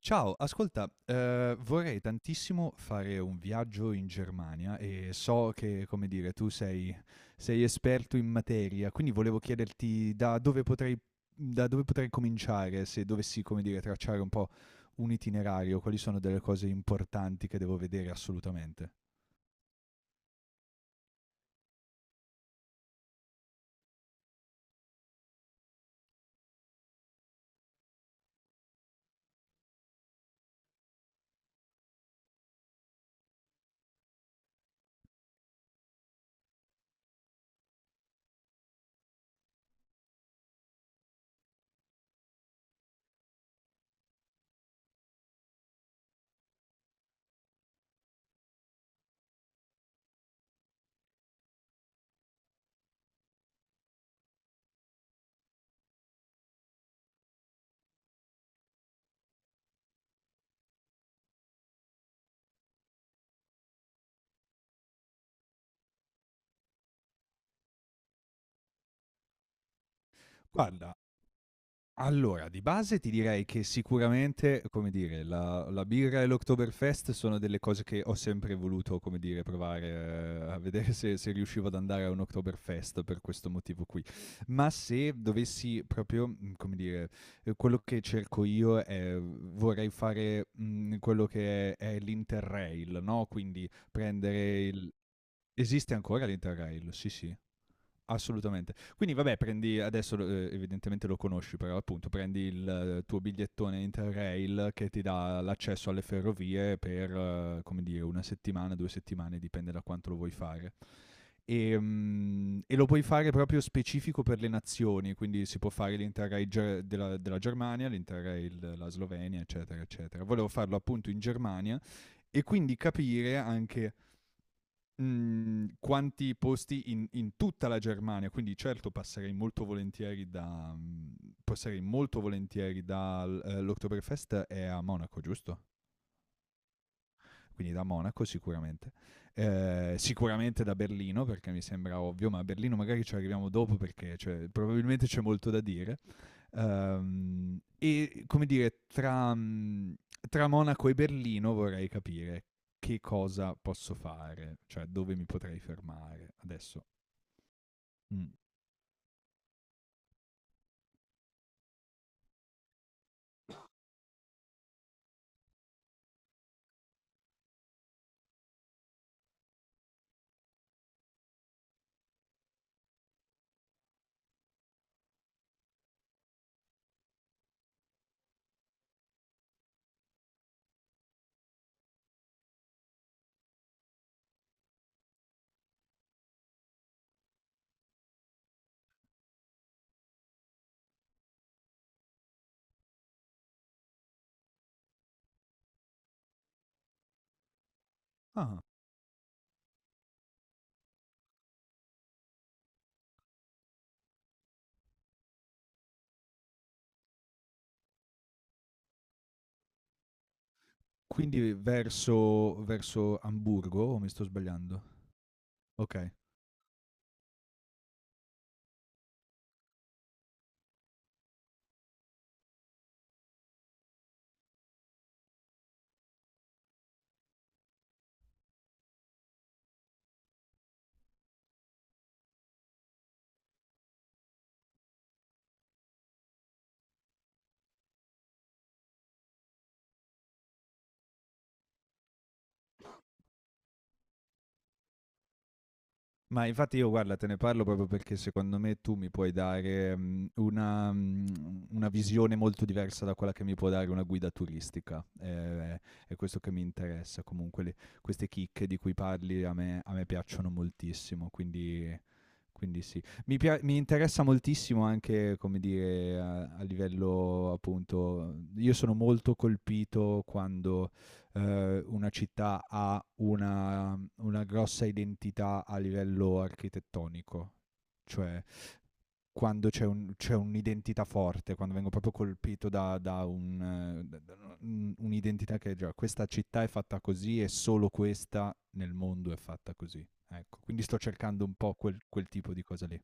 Ciao, ascolta, vorrei tantissimo fare un viaggio in Germania e so che, come dire, tu sei esperto in materia, quindi volevo chiederti da dove potrei cominciare se dovessi, come dire, tracciare un po' un itinerario, quali sono delle cose importanti che devo vedere assolutamente. Allora, di base ti direi che sicuramente, come dire, la birra e l'Oktoberfest sono delle cose che ho sempre voluto, come dire, provare, a vedere se riuscivo ad andare a un Oktoberfest per questo motivo qui. Ma se dovessi proprio, come dire, quello che cerco io è vorrei fare, quello che è l'Interrail, no, quindi prendere il esiste ancora l'Interrail? Sì, sì. Assolutamente. Quindi vabbè, prendi adesso evidentemente lo conosci, però appunto prendi il tuo bigliettone Interrail che ti dà l'accesso alle ferrovie per come dire una settimana, due settimane, dipende da quanto lo vuoi fare. E, e lo puoi fare proprio specifico per le nazioni, quindi si può fare l'Interrail Ger- della Germania, l'Interrail della Slovenia, eccetera, eccetera. Volevo farlo appunto in Germania e quindi capire anche quanti posti in tutta la Germania, quindi certo passerei molto volentieri da passerei molto volentieri dall'Oktoberfest è a Monaco, giusto? Quindi da Monaco sicuramente. Sicuramente da Berlino, perché mi sembra ovvio, ma a Berlino magari ci arriviamo dopo perché cioè, probabilmente c'è molto da dire. E come dire, tra, tra Monaco e Berlino vorrei capire che cosa posso fare, cioè dove mi potrei fermare. Adesso mh. Ah, quindi verso Amburgo o mi sto sbagliando? Okay. Ma infatti io guarda, te ne parlo proprio perché secondo me tu mi puoi dare, una una visione molto diversa da quella che mi può dare una guida turistica. È questo che mi interessa. Comunque le queste chicche di cui parli a me piacciono moltissimo, quindi. Quindi sì, mi interessa moltissimo anche, come dire, a, a livello appunto, io sono molto colpito quando una città ha una grossa identità a livello architettonico, cioè quando c'è, un- c'è un'identità forte, quando vengo proprio colpito da- da un- un'identità che è già questa città è fatta così e solo questa nel mondo è fatta così. Ecco, quindi sto cercando un po' quel tipo di cosa lì.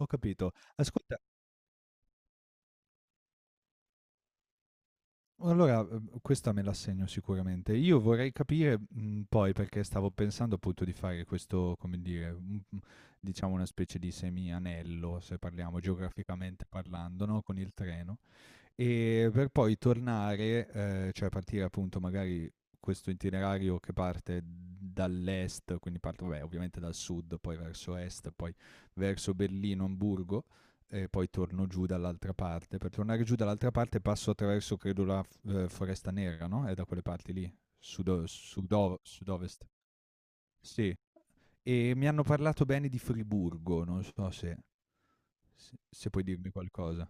Ho capito. Ascolta, allora, questa me la segno sicuramente. Io vorrei capire, poi perché stavo pensando appunto di fare questo, come dire, un mhmm, diciamo una specie di semi anello, se parliamo geograficamente parlando, no, con il treno. E per poi tornare, cioè partire appunto magari questo itinerario che parte dall'est, quindi parte vabbè, ovviamente dal sud, poi verso est, poi verso Berlino, Amburgo, e poi torno giù dall'altra parte. Per tornare giù dall'altra parte passo attraverso, credo, la Foresta Nera, no? È da quelle parti lì, sud-ovest. Sì. E mi hanno parlato bene di Friburgo, non so se, se puoi dirmi qualcosa.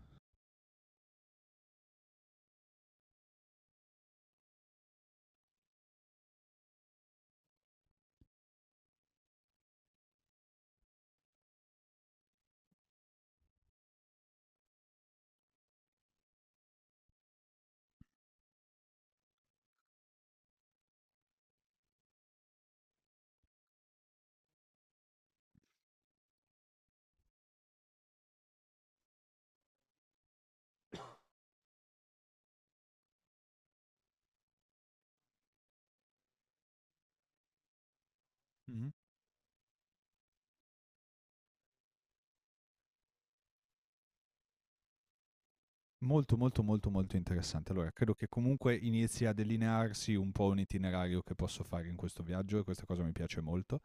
Molto, molto, molto, molto interessante. Allora, credo che comunque inizi a delinearsi un po' un itinerario che posso fare in questo viaggio e questa cosa mi piace molto.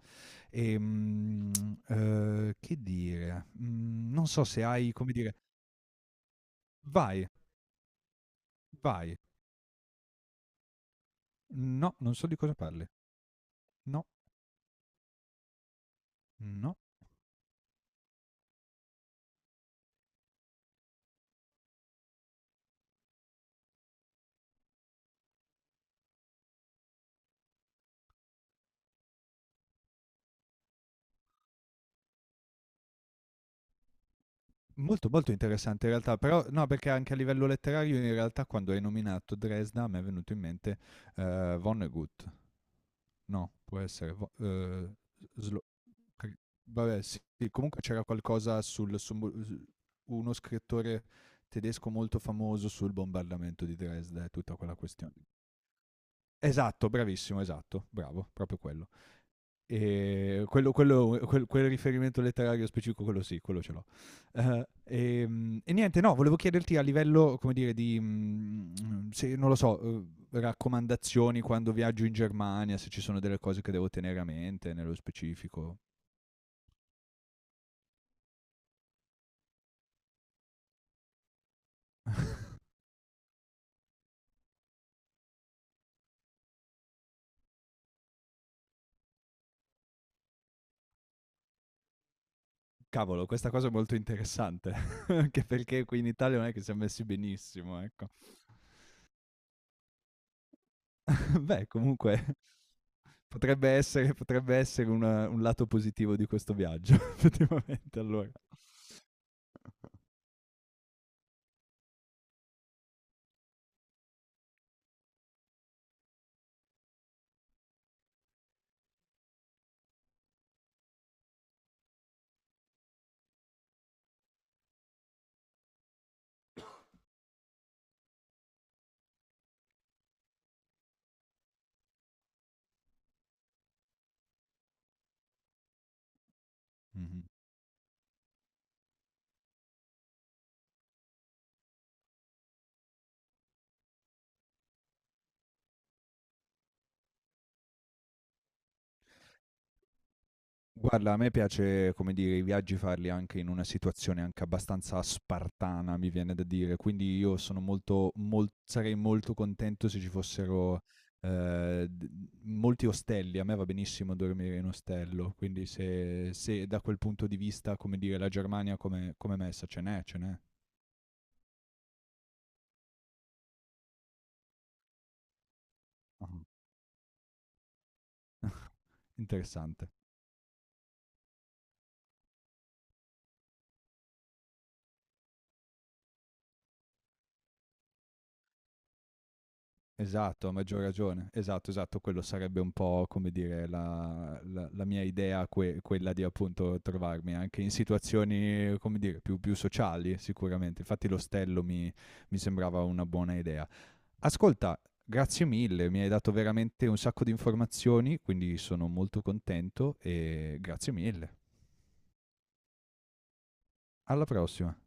E, che dire? Non so se hai, come dire, vai, vai. No, non so di cosa parli. No, no. Molto, molto interessante in realtà, però no, perché anche a livello letterario in realtà quando hai nominato Dresda mi è venuto in mente Vonnegut. No, può essere Slo- Cri- vabbè, sì, sì, comunque c'era qualcosa sul, uno scrittore tedesco molto famoso sul bombardamento di Dresda e tutta quella questione. Esatto, bravissimo, esatto, bravo, proprio quello. E quel riferimento letterario specifico, quello sì, quello ce l'ho. E, niente, no, volevo chiederti a livello, come dire, di, se, non lo so, raccomandazioni quando viaggio in Germania, se ci sono delle cose che devo tenere a mente nello specifico. Cavolo, questa cosa è molto interessante, anche perché qui in Italia non è che siamo messi benissimo, ecco. Beh, comunque potrebbe essere un lato positivo di questo viaggio, effettivamente, allora. Mhm. Guarda, a me piace, come dire, i viaggi farli anche in una situazione anche abbastanza spartana, mi viene da dire. Quindi io sono sarei molto contento se ci fossero eh, d- molti ostelli. A me va benissimo dormire in ostello. Quindi se da quel punto di vista, come dire, la Germania come, come messa, ce n'è. Ah. Interessante. Esatto, a maggior ragione. Esatto, esatto, quello sarebbe un po' come dire la mia idea, quella di appunto trovarmi anche in situazioni, come dire, più, più sociali sicuramente. Infatti l'ostello mi sembrava una buona idea. Ascolta, grazie mille, mi hai dato veramente un sacco di informazioni, quindi sono molto contento e grazie mille. Alla prossima.